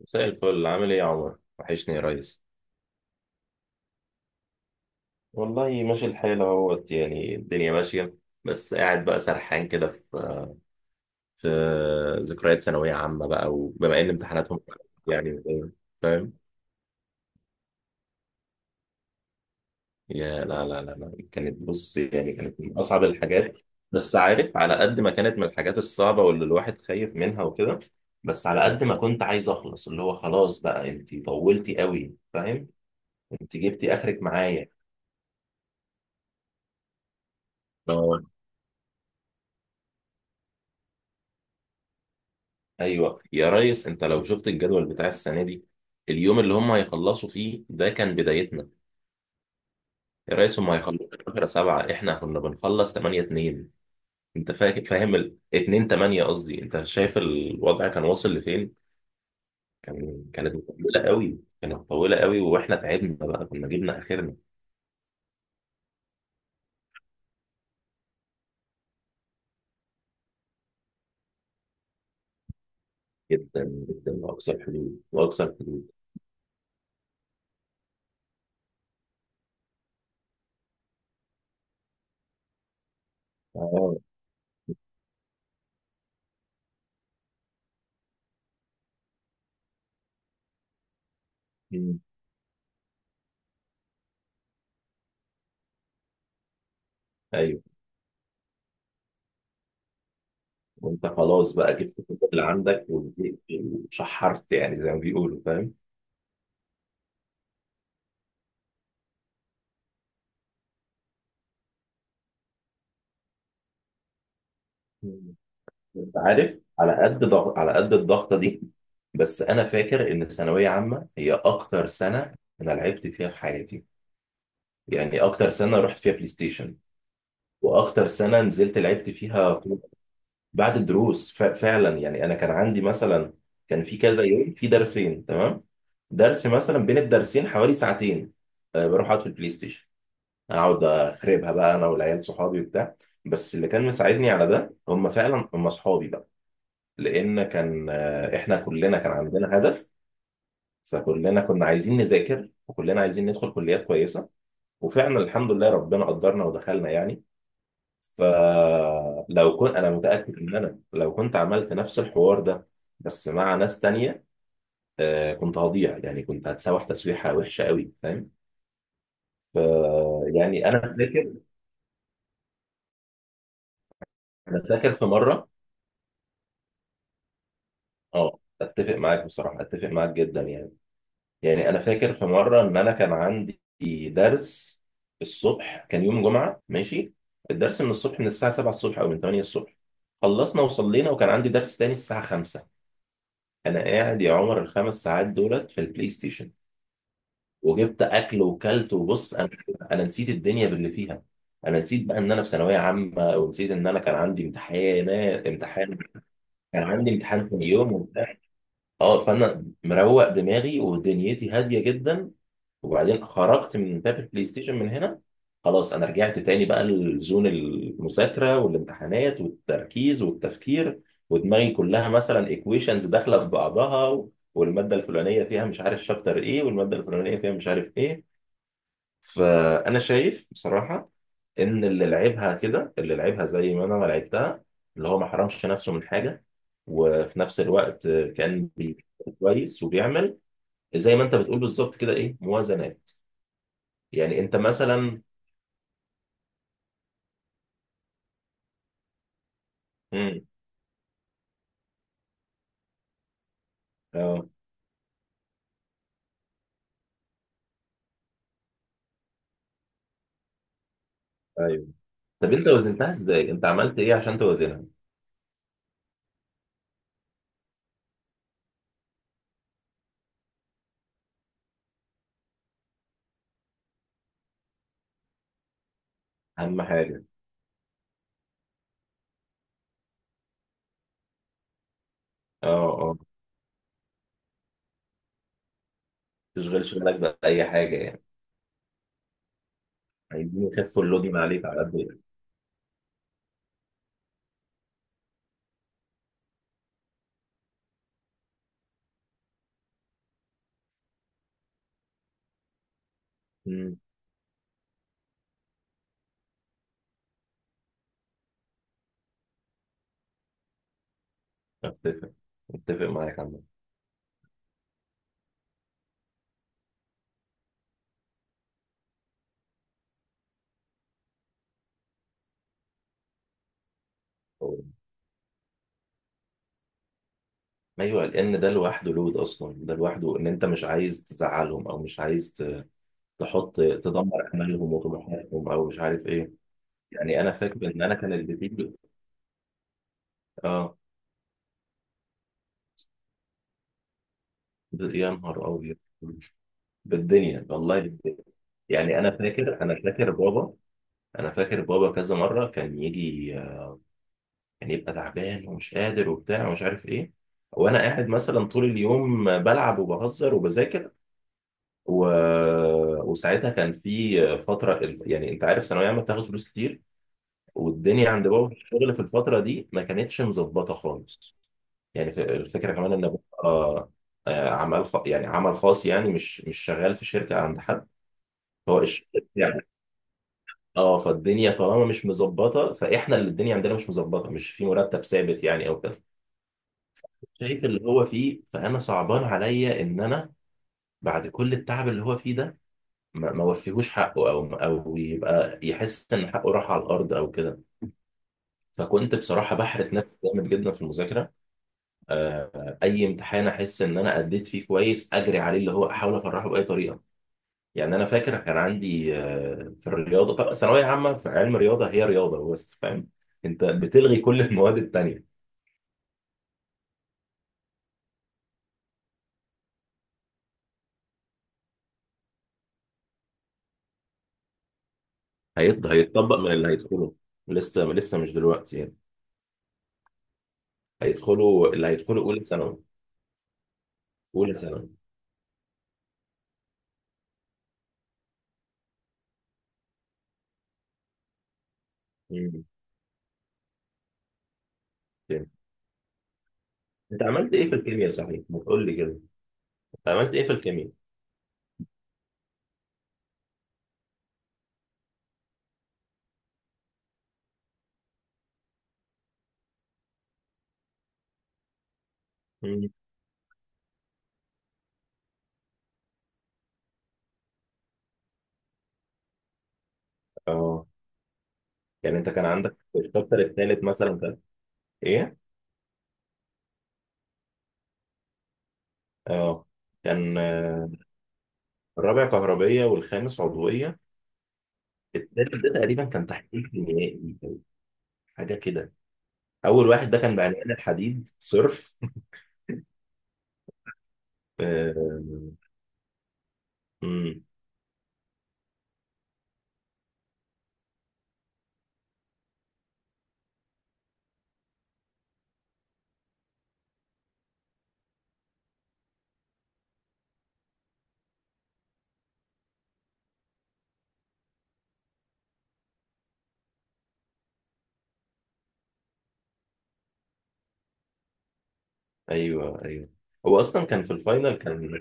مساء الفل، عامل ايه يا عمر؟ وحشني يا ريس. والله ماشي الحال اهوت، يعني الدنيا ماشية. بس قاعد بقى سرحان كده في ذكريات ثانوية عامة، بقى وبما ان امتحاناتهم يعني وكده، فاهم؟ يا لا لا لا لا، كانت بص، يعني كانت من اصعب الحاجات. بس عارف على قد ما كانت من الحاجات الصعبة واللي الواحد خايف منها وكده، بس على قد ما كنت عايز اخلص، اللي هو خلاص بقى انت طولتي قوي، فاهم؟ انت جبتي اخرك معايا. ايوه يا ريس، انت لو شفت الجدول بتاع السنه دي، اليوم اللي هم هيخلصوا فيه ده كان بدايتنا. يا ريس هم هيخلصوا 12 7، احنا كنا بنخلص 8 2. انت فاكر، فاهم ال 2 8، قصدي انت شايف الوضع كان واصل لفين. كانت مطولة قوي، كانت طويله قوي، واحنا تعبنا بقى، كنا جبنا اخرنا. جدا، جدا واقصى الحدود، واقصى الحدود. اه. مم. ايوه. وانت خلاص بقى جبت كل اللي عندك، وشحرت يعني زي ما بيقولوا، فاهم؟ بس عارف على قد ضغط، على قد الضغطه دي. بس انا فاكر ان ثانويه عامه هي اكتر سنه انا لعبت فيها في حياتي، يعني اكتر سنه رحت فيها بلاي ستيشن، واكتر سنه نزلت لعبت فيها كورة. بعد الدروس، فعلا يعني انا كان عندي مثلا كان في كذا يوم في درسين، تمام؟ درس مثلا بين الدرسين حوالي ساعتين، بروح اقعد في البلاي ستيشن، اقعد اخربها بقى انا والعيال صحابي وبتاع. بس اللي كان مساعدني على ده هم فعلا هم صحابي بقى، لان كان احنا كلنا كان عندنا هدف. فكلنا كنا عايزين نذاكر، وكلنا عايزين ندخل كليات كويسه، وفعلا الحمد لله ربنا قدرنا ودخلنا يعني. فلو كنت انا متاكد ان انا لو كنت عملت نفس الحوار ده بس مع ناس تانية، كنت هضيع، يعني كنت هتسوح تسويحه وحشه قوي، فاهم؟ ف يعني انا فاكر في مره. اه، اتفق معاك بصراحه، اتفق معاك جدا يعني. يعني انا فاكر في مره ان انا كان عندي درس الصبح، كان يوم جمعه ماشي، الدرس من الصبح من الساعه 7 الصبح او من 8 الصبح. خلصنا وصلينا وكان عندي درس تاني الساعه 5. انا قاعد يا عمر الخمس ساعات دولت في البلاي ستيشن، وجبت اكل وكلت، وبص انا نسيت الدنيا باللي فيها. انا نسيت بقى ان انا في ثانويه عامه، ونسيت ان انا كان عندي امتحان، كان عندي امتحان تاني يوم وبتاع. اه، فانا مروق دماغي ودنيتي هاديه جدا. وبعدين خرجت من باب البلاي ستيشن من هنا، خلاص انا رجعت تاني بقى لزون المذاكره والامتحانات والتركيز والتفكير. ودماغي كلها مثلا ايكويشنز داخله في بعضها والماده الفلانيه فيها مش عارف شابتر ايه، والماده الفلانيه فيها مش عارف ايه. فانا شايف بصراحه ان اللي لعبها كده، اللي لعبها زي ما انا ما لعبتها، اللي هو ما حرمش نفسه من حاجه، وفي نفس الوقت كان كويس، وبيعمل زي ما انت بتقول بالظبط كده، ايه، موازنات. يعني انت مثلا. امم. اه. ايوه. طب انت وزنتها ازاي؟ انت عملت ايه عشان توزنها؟ اهم حاجه. اه، اه، ما تشغلش بالك باي حاجه يعني. عايزين يخفوا اللود من عليك على قد ايه. امم. اتفق اتفق معاك عم. ايوه، لان ده لوحده لود اصلا، ده لوحده ان انت مش عايز تزعلهم او مش عايز تحط، تدمر امالهم وطموحاتهم او مش عارف ايه. يعني انا فاكر ان انا كان اللي بيجي. اه. يا نهار ابيض، بالدنيا والله بالدنيا. يعني انا فاكر بابا، انا فاكر بابا كذا مره كان يجي. كان يبقى تعبان ومش قادر وبتاع ومش عارف ايه، وانا قاعد مثلا طول اليوم بلعب وبهزر وبذاكر و... وساعتها كان في فتره يعني انت عارف ثانويه عامه بتاخد فلوس كتير، والدنيا عند بابا في الشغل في الفتره دي ما كانتش مظبطه خالص. يعني الفكره كمان ان بابا آه، عمل يعني عمل خاص، يعني مش شغال في شركه عند حد. هو الشغل بتاعه. اه، فالدنيا طالما مش مظبطه، فاحنا اللي الدنيا عندنا مش مظبطه، مش في مرتب ثابت يعني او كده. شايف اللي هو فيه، فانا صعبان عليا ان انا بعد كل التعب اللي هو فيه ده، ما وفيهوش حقه، او يبقى يحس ان حقه راح على الارض او كده. فكنت بصراحه بحرت نفسي جامد جدا في المذاكره. اي امتحان احس ان انا اديت فيه كويس، اجري عليه اللي هو احاول افرحه باي طريقه. يعني انا فاكر كان عندي في الرياضه، طب ثانويه عامه في علم الرياضه هي رياضه بس، فاهم؟ انت بتلغي كل المواد التانيه. هيتطبق من اللي هيدخله، لسه لسه مش دلوقتي يعني. هيدخلوا اللي هيدخلوا اولى ثانوي. اولى ثانوي. مم. فهمت. انت عملت ايه في الكيمياء صحيح؟ ما تقول لي كده، انت عملت ايه في الكيمياء؟ مم. اه. يعني انت كان عندك الشابتر الثالث مثلا، كان ايه؟ اه، كان الرابع كهربية والخامس عضوية. التالت ده تقريبا كان تحليل كيميائي، حاجة كده. أول واحد ده كان بعلقان الحديد صرف. آه، امم. أيوه أيوه. هو أصلا كان في الفاينل، كان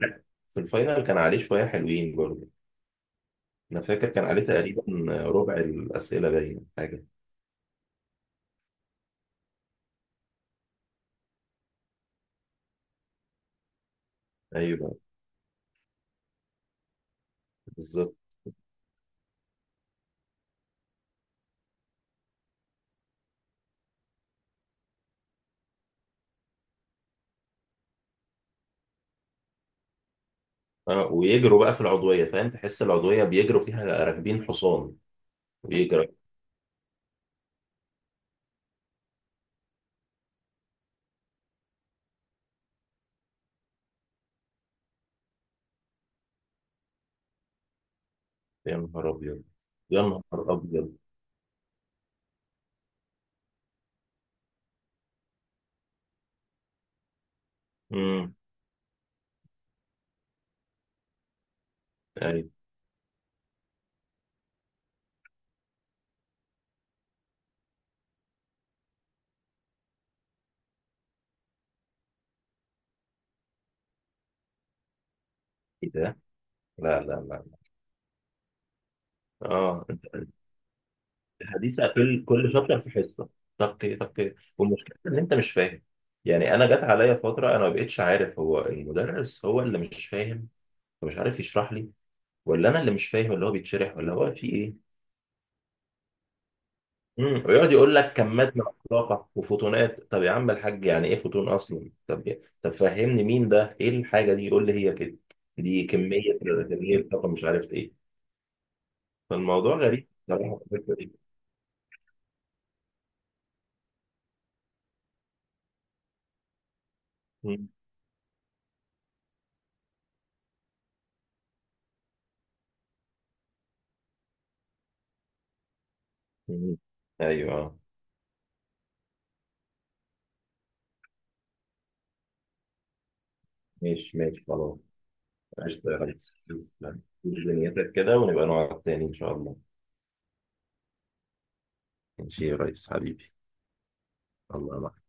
في الفاينل كان عليه شوية حلوين برضه. أنا فاكر كان عليه تقريبا ربع الأسئلة، باينة حاجة. أيوه بالظبط. أه، ويجروا بقى في العضوية، فاهم؟ تحس العضوية بيجروا فيها راكبين حصان، ويجروا. يا نهار أبيض، يا نهار أبيض. امم. أيوه. إيه ده؟ لا لا لا. اه، حديثة، كل شابتر في حصة، طق طق، والمشكلة إن أنت مش فاهم. يعني أنا جت عليا فترة أنا ما بقتش عارف هو المدرس هو اللي مش فاهم فمش عارف يشرح لي، ولا أنا اللي مش فاهم اللي هو بيتشرح، ولا هو في إيه. امم، ويقعد يقول لك كمات من الطاقة وفوتونات، طب يا عم الحاج يعني إيه فوتون أصلا؟ طب طب فهمني مين ده، إيه الحاجة دي؟ يقول لي هي كده، دي كمية، كمية طاقة مش عارف إيه. فالموضوع غريب بصراحة في الفكرة دي. مم. مم. أيوه. ماشي ماشي خلاص، قشطة يا ريس، شوف دنيتك كده، ونبقى نقعد تاني إن شاء الله. ماشي يا ريس حبيبي. الله معك.